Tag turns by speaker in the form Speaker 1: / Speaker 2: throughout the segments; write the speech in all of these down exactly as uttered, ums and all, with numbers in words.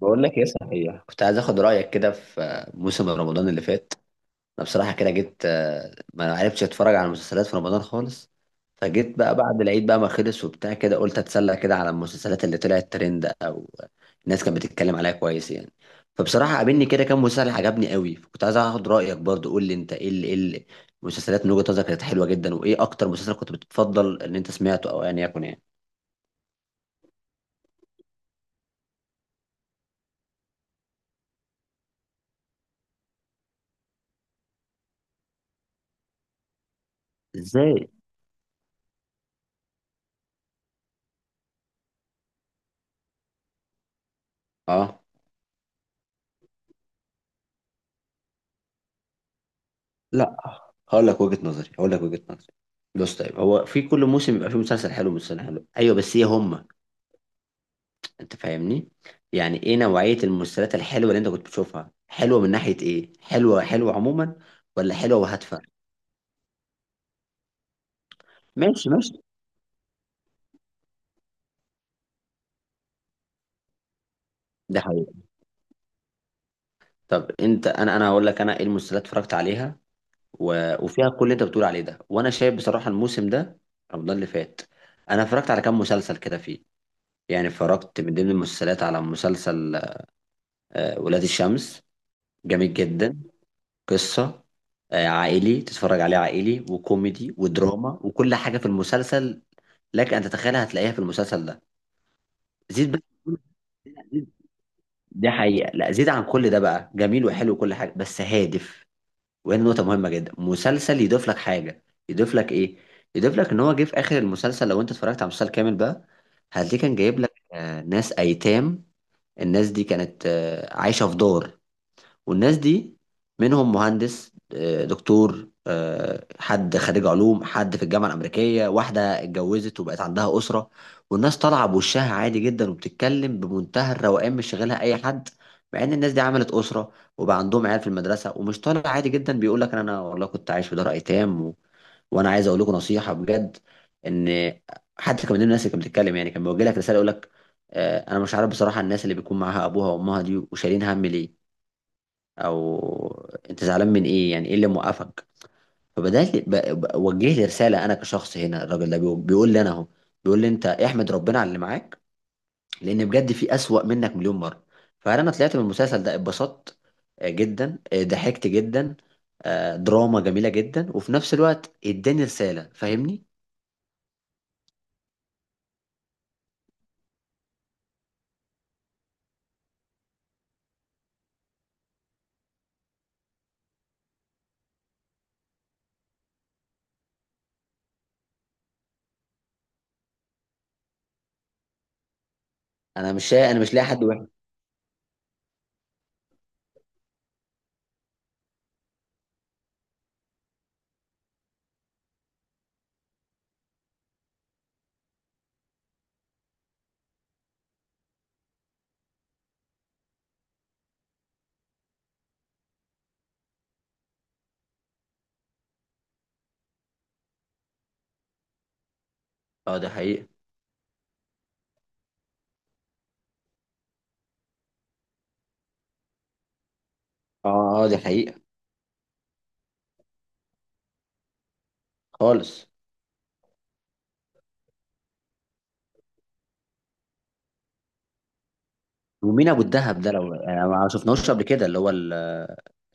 Speaker 1: بقول لك ايه، صحيح كنت عايز اخد رايك كده في موسم رمضان اللي فات. انا بصراحه كده جيت، آه، ما عرفتش اتفرج على المسلسلات في رمضان خالص. فجيت بقى بعد العيد بقى ما خلص وبتاع كده، قلت اتسلى كده على المسلسلات اللي طلعت ترند او الناس كانت بتتكلم عليها كويس يعني. فبصراحه قابلني كده كام مسلسل عجبني قوي، فكنت عايز اخد رايك برضو. قول لي انت ايه اللي ايه اللي- المسلسلات من وجهه نظرك كانت حلوه جدا، وايه اكتر مسلسل كنت بتفضل ان انت سمعته او ان يكن يعني؟ ازاي؟ اه، لا. هقول لك وجهة نظري هقول لك وجهة نظري بص، طيب هو في كل موسم بيبقى فيه مسلسل حلو ومسلسل حلو، ايوه، بس ايه هما؟ انت فاهمني؟ يعني ايه نوعية المسلسلات الحلوة اللي انت كنت بتشوفها؟ حلوة من ناحية ايه؟ حلوة حلوة عموما ولا حلوة وهادفة؟ ماشي، ماشي. ده حقيقي. طب انت، انا انا هقول لك انا ايه المسلسلات اتفرجت عليها و... وفيها كل اللي انت بتقول عليه ده، وانا شايف بصراحة الموسم ده، رمضان اللي فات، انا اتفرجت على كام مسلسل كده فيه. يعني اتفرجت من ضمن المسلسلات على مسلسل آه، ولاد الشمس. جميل جدا. قصة آه، عائلي، تتفرج عليه عائلي وكوميدي ودراما، وكل حاجة في المسلسل لك أن تتخيلها هتلاقيها في المسلسل ده. زيد بقى، دي حقيقة، لا زيد عن كل ده بقى، جميل وحلو وكل حاجة، بس هادف. وهي نقطة مهمة جدا، مسلسل يضيف لك حاجة. يضيف لك إيه؟ يضيف لك إن هو جه في آخر المسلسل، لو أنت اتفرجت على المسلسل كامل بقى، هتلاقيه كان جايب لك آه، ناس أيتام. الناس دي كانت آه، عايشة في دار، والناس دي منهم مهندس، آه، دكتور، آه، حد خريج علوم، حد في الجامعة الأمريكية، واحدة اتجوزت وبقت عندها أسرة، والناس طالعة بوشها عادي جدا، وبتتكلم بمنتهى الروقان، مش شاغلها أي حد، مع إن الناس دي عملت أسرة، وبقى عندهم عيال في المدرسة، ومش طالع عادي جدا بيقول لك أنا والله كنت عايش في دار أيتام، و... وأنا عايز أقول لكم نصيحة بجد، إن حتى كمان الناس اللي كانت بتتكلم، يعني كان بيوجه لك رسالة، يقول لك آه، أنا مش عارف بصراحة، الناس اللي بيكون معاها أبوها وأمها دي وشايلين هم ليه، او انت زعلان من ايه، يعني ايه اللي موقفك. فبدات ب- ب- وجه لي رساله انا كشخص، هنا الراجل ده بيقول بيقول لي انا اهو، بيقول لي انت احمد ربنا على اللي معاك، لان بجد في اسوأ منك مليون مره. فانا طلعت من المسلسل ده اتبسطت آه، جدا، آه، ضحكت جدا، آه، دراما جميله جدا، وفي نفس الوقت اداني رساله. فاهمني؟ انا مش شا... انا مش لاقي حد وحش. اه، ده حقيقه. اه، اه، دي حقيقه. خالص. ومين ابو الدهب ده، لو آه، ما شفناهوش قبل كده، اللي هو ال-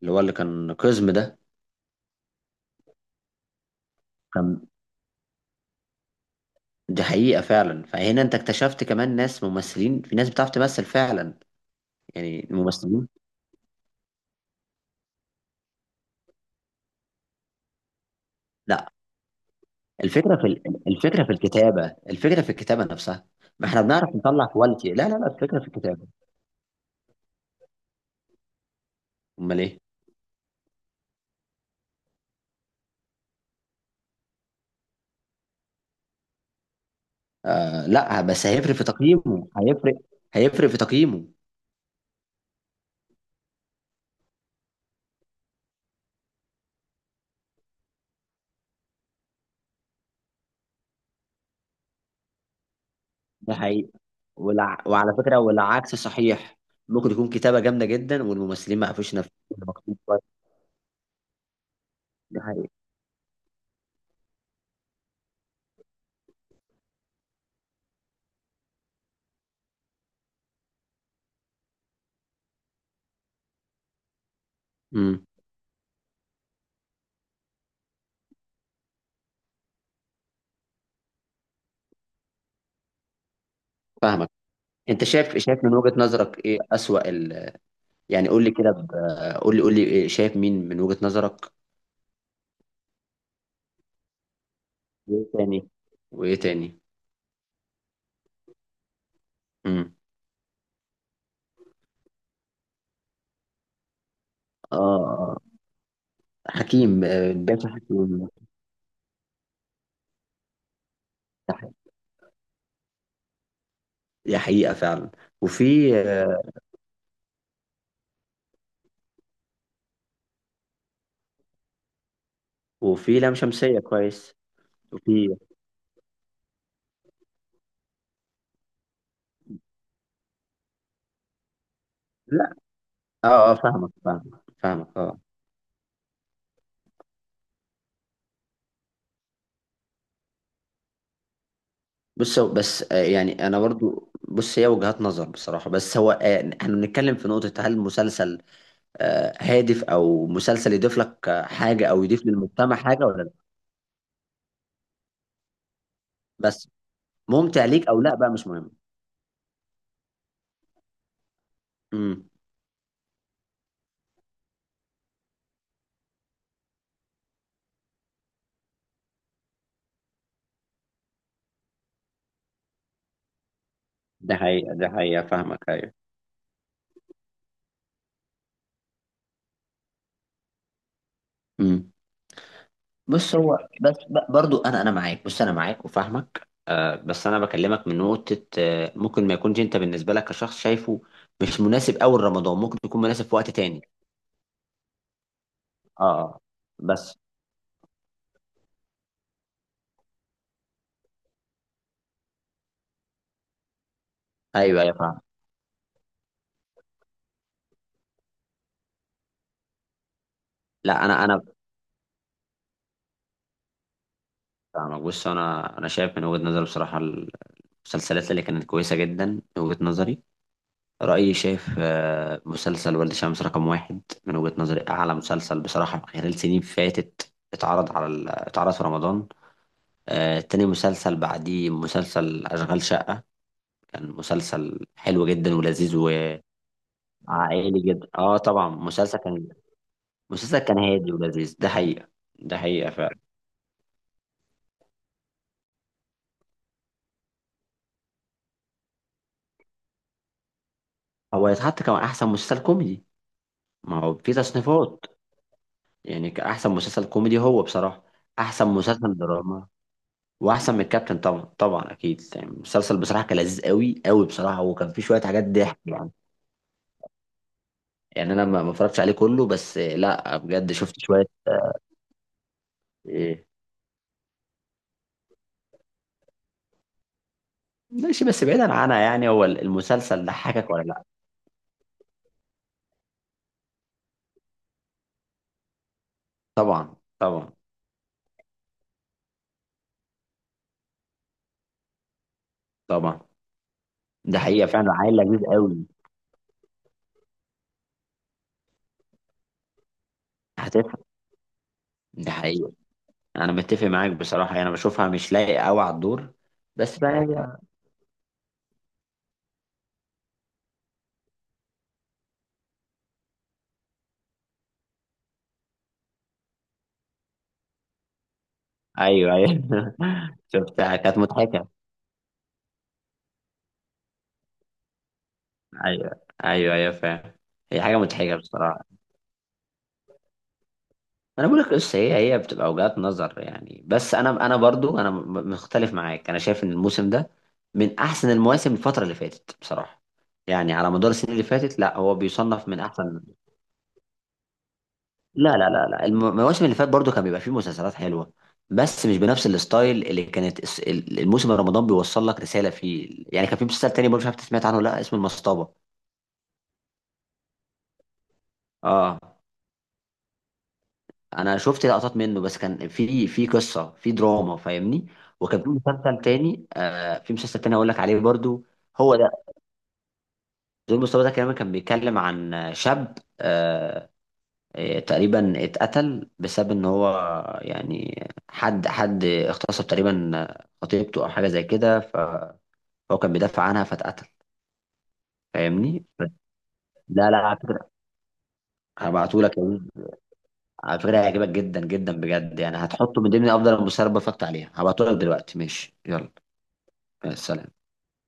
Speaker 1: اللي هو اللي كان قزم ده، كان. دي حقيقة فعلا، فهنا انت اكتشفت كمان ناس ممثلين، في ناس بتعرف تمثل فعلا، يعني الممثلين. لا، الفكرة في ال- الفكرة في الكتابة، الفكرة في الكتابة نفسها. ما احنا بنعرف نطلع كواليتي. لا، لا، لا، الفكرة في الكتابة. امال ايه؟ آه، لا، بس هيفرق في تقييمه، هيفرق. هيفرق في تقييمه. ده حقيقي. والع... وعلى فكرة، والعكس صحيح. ممكن يكون كتابة جامدة جدا والممثلين ما عرفوش ينفذوا اللي مكتوب كويس. ده حقيقي. امم. فاهمك. انت شايف شايف من وجهة نظرك ايه أسوأ؟ يعني قول لي كده، ب- قول لي قول لي إيه- شايف مين من وجهة نظرك؟ وايه تاني؟ وايه تاني؟ امم. اه، آه. حكيم، آه، باشا حكيم. دي حقيقة فعلا. وفي آه، وفي لام شمسية كويس. وفي... لا. اه، اه، فاهمك، فاهمك، فاهمك، اه. بص هو- بس، آه، يعني انا برضو، بص هي وجهات نظر بصراحة، بس هو آه، احنا بنتكلم في نقطة، هل المسلسل آه، هادف او مسلسل يضيف لك آه، حاجة او يضيف للمجتمع حاجة ولا لا؟ بس ممتع ليك او لا بقى مش مهم. امم. ده حقيقة، ده حقيقة، فاهمك، أيوة. امم. بص هو، بس ب- برضو انا انا معاك، بص انا معاك وفاهمك. آه، بس انا بكلمك من نقطة آه، ممكن ما يكونش انت بالنسبة لك كشخص شايفه مش مناسب اول رمضان، ممكن يكون مناسب في وقت تاني. اه، آه. بس. أيوة، أيوة، فاهم. لا، انا انا فاهمك. بص انا انا شايف من وجهة نظري بصراحة، المسلسلات اللي كانت كويسة جدا، من وجهة نظري، رأيي شايف آه، مسلسل ولد شمس رقم واحد من وجهة نظري، أعلى مسلسل بصراحة خلال سنين فاتت اتعرض على ال... اتعرض في رمضان. آه، تاني مسلسل بعديه مسلسل أشغال شقة، كان مسلسل حلو جدا ولذيذ، وعائلي جدا. اه، طبعا مسلسل كان، مسلسل كان هادي ولذيذ. ده حقيقة. ده حقيقة فعلا. هو يتحط كمان أحسن مسلسل كوميدي، ما هو في تصنيفات، يعني كأحسن مسلسل كوميدي هو بصراحة. أحسن مسلسل دراما. واحسن من الكابتن، طبعا، طبعا، اكيد. يعني المسلسل بصراحه كان لذيذ قوي قوي بصراحه، وكان فيه شويه حاجات ضحك يعني. يعني انا ما ما اتفرجتش عليه كله، بس آه، لا، بجد شفت شويه. آه، ماشي، بس بعيدا عنها يعني، هو المسلسل ضحكك ولا لا؟ طبعا، طبعا، طبعا. ده حقيقه فعلا، عيل لذيذ قوي. هتفهم. ده حقيقه. انا متفق معاك بصراحه، يعني انا بشوفها مش لايقه قوي على الدور. بس بقى هي- ايوه، ايوه، شفتها كانت مضحكه. ايوه، ايوه، ايوه، فعلا. هي حاجه مضحكه بصراحه. انا بقول لك، بس هي هي بتبقى وجهات نظر يعني، بس انا انا برضو، انا م- مختلف معاك. انا شايف ان الموسم ده من احسن المواسم الفتره اللي فاتت بصراحه، يعني على مدار السنين اللي فاتت لا هو بيصنف من احسن. لا، لا، لا، لا، الم- المواسم اللي فاتت برضو كان بيبقى فيه مسلسلات حلوه، بس مش بنفس الستايل اللي كانت الس- ال- الموسم رمضان بيوصل لك رساله فيه. يعني كان في مسلسل تاني برضو، مش عارف أنت سمعت عنه ولا لا، اسمه المصطبه. اه. انا شفت لقطات منه بس، كان في في قصه في دراما، فاهمني. وكان في مسلسل تاني، آه، في مسلسل تاني هقول لك عليه برضو. هو ده، دور مصطفى ده كمان كان بيتكلم عن شاب، آه آه، تقريبا اتقتل بسبب ان هو، يعني حد حد اغتصب تقريبا خطيبته او حاجه زي كده، فهو كان بيدافع عنها فاتقتل. فاهمني؟ بس- لا، لا، على فكره هبعته لك. على فكره هيعجبك جدا جدا بجد، يعني هتحطه من ضمن افضل المسلسلات اللي اتفرجت عليها. هبعته لك دلوقتي، ماشي، يلا. مع السلامة.